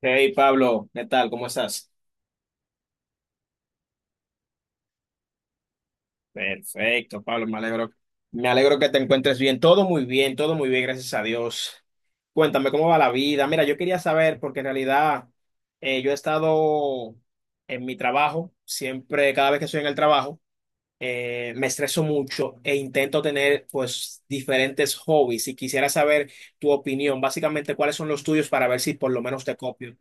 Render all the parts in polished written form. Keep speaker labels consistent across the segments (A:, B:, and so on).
A: Hey Pablo, ¿qué tal? ¿Cómo estás? Perfecto, Pablo, me alegro. Me alegro que te encuentres bien. Todo muy bien, todo muy bien, gracias a Dios. Cuéntame cómo va la vida. Mira, yo quería saber, porque en realidad yo he estado en mi trabajo, siempre, cada vez que estoy en el trabajo, me estreso mucho e intento tener pues diferentes hobbies y quisiera saber tu opinión, básicamente cuáles son los tuyos para ver si por lo menos te copio.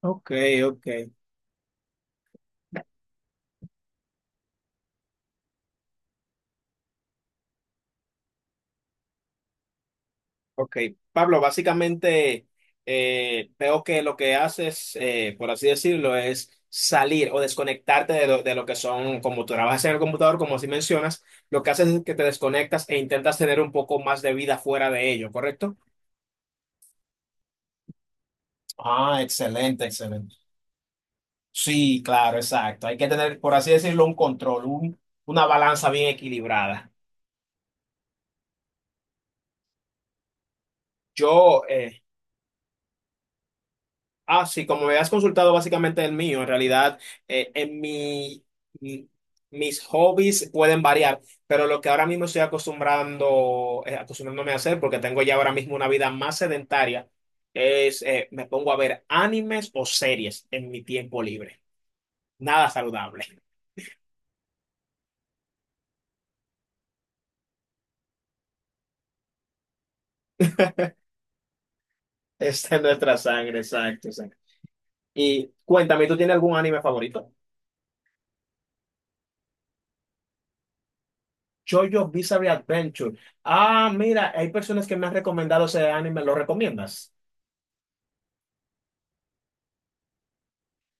A: Ok, ok. Ok, Pablo, básicamente veo que lo que haces, por así decirlo, es salir o desconectarte de de lo que son, como tú trabajas en el computador, como así mencionas, lo que haces es que te desconectas e intentas tener un poco más de vida fuera de ello, ¿correcto? Ah, excelente, excelente. Sí, claro, exacto. Hay que tener, por así decirlo, una balanza bien equilibrada. Yo, eh, Ah, sí, como me has consultado básicamente el mío, en realidad eh, en mi, mi- mis hobbies pueden variar, pero lo que ahora mismo estoy acostumbrando, acostumbrándome a hacer, porque tengo ya ahora mismo una vida más sedentaria, es me pongo a ver animes o series en mi tiempo libre. Nada saludable. Está en nuestra sangre, exacto, exacto. Y cuéntame, ¿tú tienes algún anime favorito? JoJo Bizarre Adventure. Ah, mira, hay personas que me han recomendado ese anime, ¿lo recomiendas?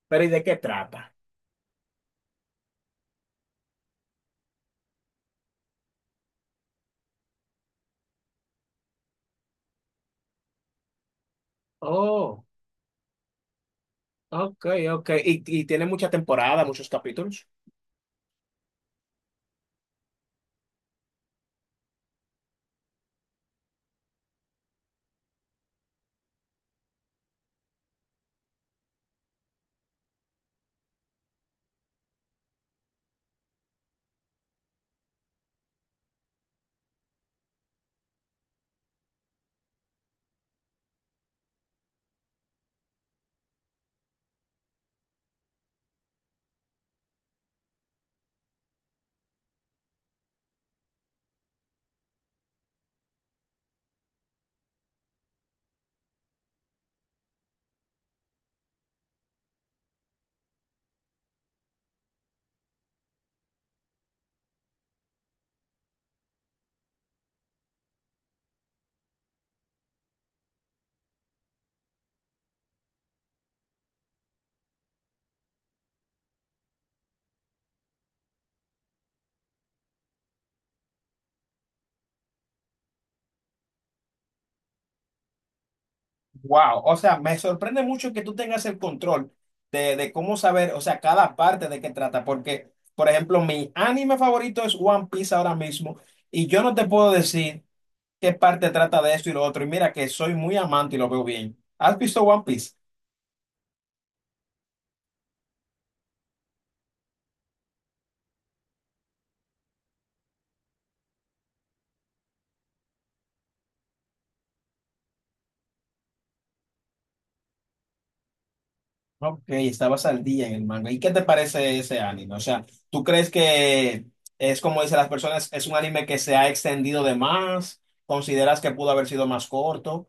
A: Pero ¿y de qué trata? Oh, ok, ok. Y tiene mucha temporada, muchos capítulos. Wow, o sea, me sorprende mucho que tú tengas el control de cómo saber, o sea, cada parte de qué trata, porque, por ejemplo, mi anime favorito es One Piece ahora mismo, y yo no te puedo decir qué parte trata de esto y lo otro, y mira que soy muy amante y lo veo bien. ¿Has visto One Piece? Ok, estabas al día en el manga. ¿Y qué te parece ese anime? O sea, ¿tú crees que es como dicen las personas, es un anime que se ha extendido de más? ¿Consideras que pudo haber sido más corto?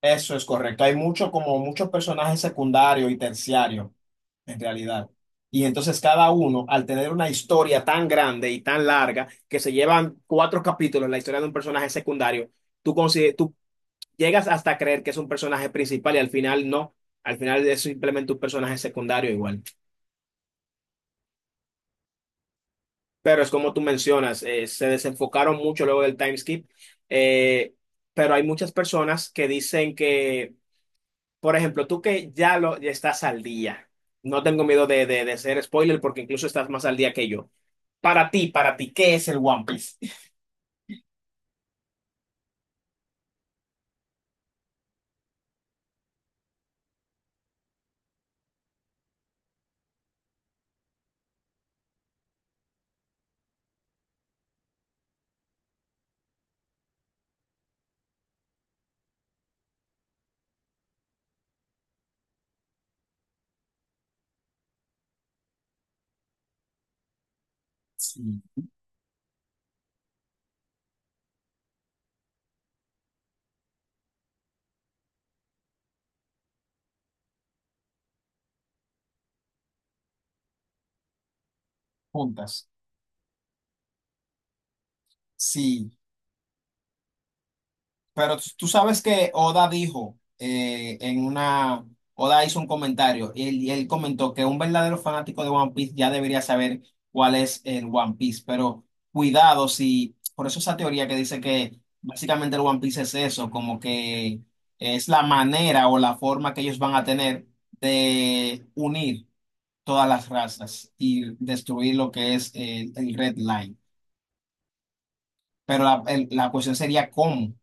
A: Eso es correcto. Hay mucho, como muchos personajes secundarios y terciarios, en realidad. Y entonces cada uno, al tener una historia tan grande y tan larga, que se llevan cuatro capítulos la historia de un personaje secundario, tú llegas hasta a creer que es un personaje principal y al final no. Al final es simplemente un personaje secundario igual. Pero es como tú mencionas, se desenfocaron mucho luego del time skip. Eh, pero hay muchas personas que dicen que, por ejemplo, tú que ya estás al día. No tengo miedo de ser spoiler porque incluso estás más al día que yo. Para ti, ¿qué es el One Piece? Sí, juntas. Sí. Pero tú sabes que Oda dijo Oda hizo un comentario y él comentó que un verdadero fanático de One Piece ya debería saber cuál es el One Piece, pero cuidado si, por eso esa teoría que dice que básicamente el One Piece es eso, como que es la manera o la forma que ellos van a tener de unir todas las razas y destruir lo que es el Red Line. La cuestión sería cómo,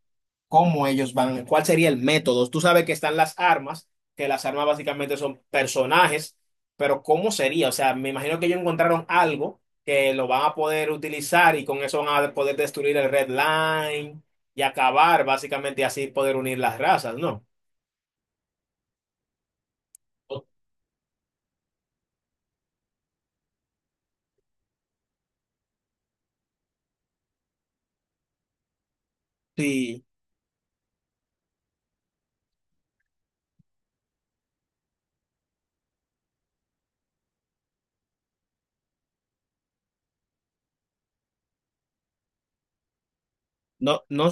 A: cómo ellos van, cuál sería el método. Tú sabes que están las armas, que las armas básicamente son personajes, pero ¿cómo sería? O sea, me imagino que ellos encontraron algo que lo van a poder utilizar y con eso van a poder destruir el Red Line y acabar básicamente y así poder unir las razas, ¿no? Sí, no, no.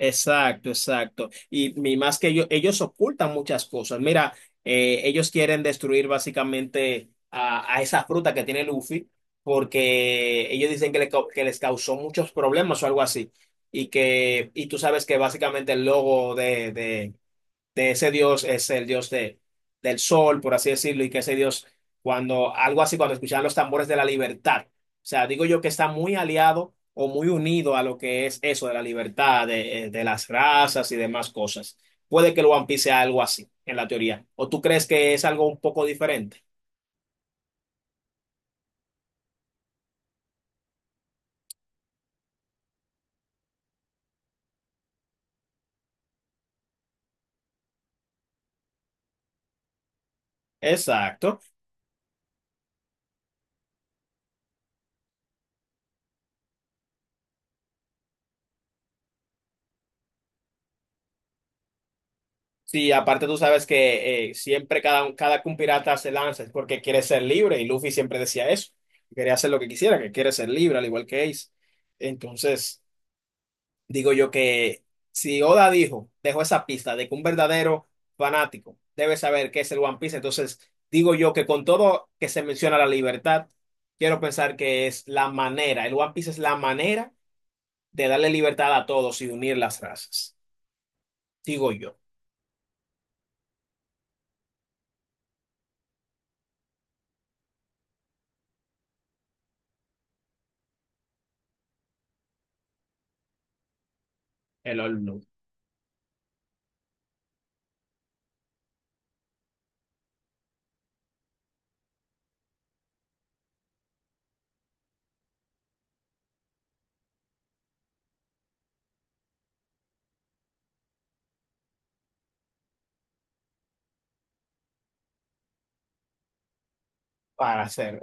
A: Exacto, exacto. Y más que ellos ocultan muchas cosas. Mira, ellos quieren destruir básicamente a esa fruta que tiene Luffy porque ellos dicen que, que les causó muchos problemas o algo así. Y que, y tú sabes que básicamente el logo de ese dios es el dios de, del sol, por así decirlo, y que ese dios, cuando algo así, cuando escuchaban los tambores de la libertad, o sea, digo yo que está muy aliado o muy unido a lo que es eso de la libertad, de las razas y demás cosas. Puede que el One Piece sea algo así, en la teoría. ¿O tú crees que es algo un poco diferente? Exacto. Sí, aparte tú sabes que siempre cada, cada que un pirata se lanza es porque quiere ser libre y Luffy siempre decía eso, que quería hacer lo que quisiera, que quiere ser libre, al igual que Ace. Entonces, digo yo que si Oda dijo, dejó esa pista de que un verdadero fanático debe saber qué es el One Piece, entonces digo yo que con todo que se menciona la libertad, quiero pensar que es la manera, el One Piece es la manera de darle libertad a todos y unir las razas, digo yo. El, Para hacer.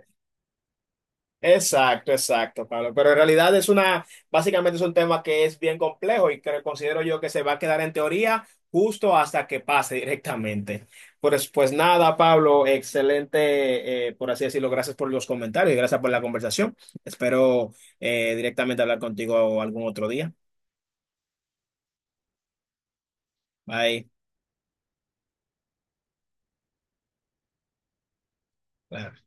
A: Exacto, exacto, Pablo. Pero en realidad es una, básicamente es un tema que es bien complejo y que considero yo que se va a quedar en teoría justo hasta que pase directamente. Pues, pues nada, Pablo, excelente, por así decirlo. Gracias por los comentarios y gracias por la conversación. Espero directamente hablar contigo algún otro día. Bye. Claro.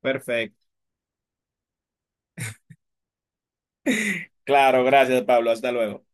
A: Perfecto. Claro, gracias, Pablo. Hasta luego.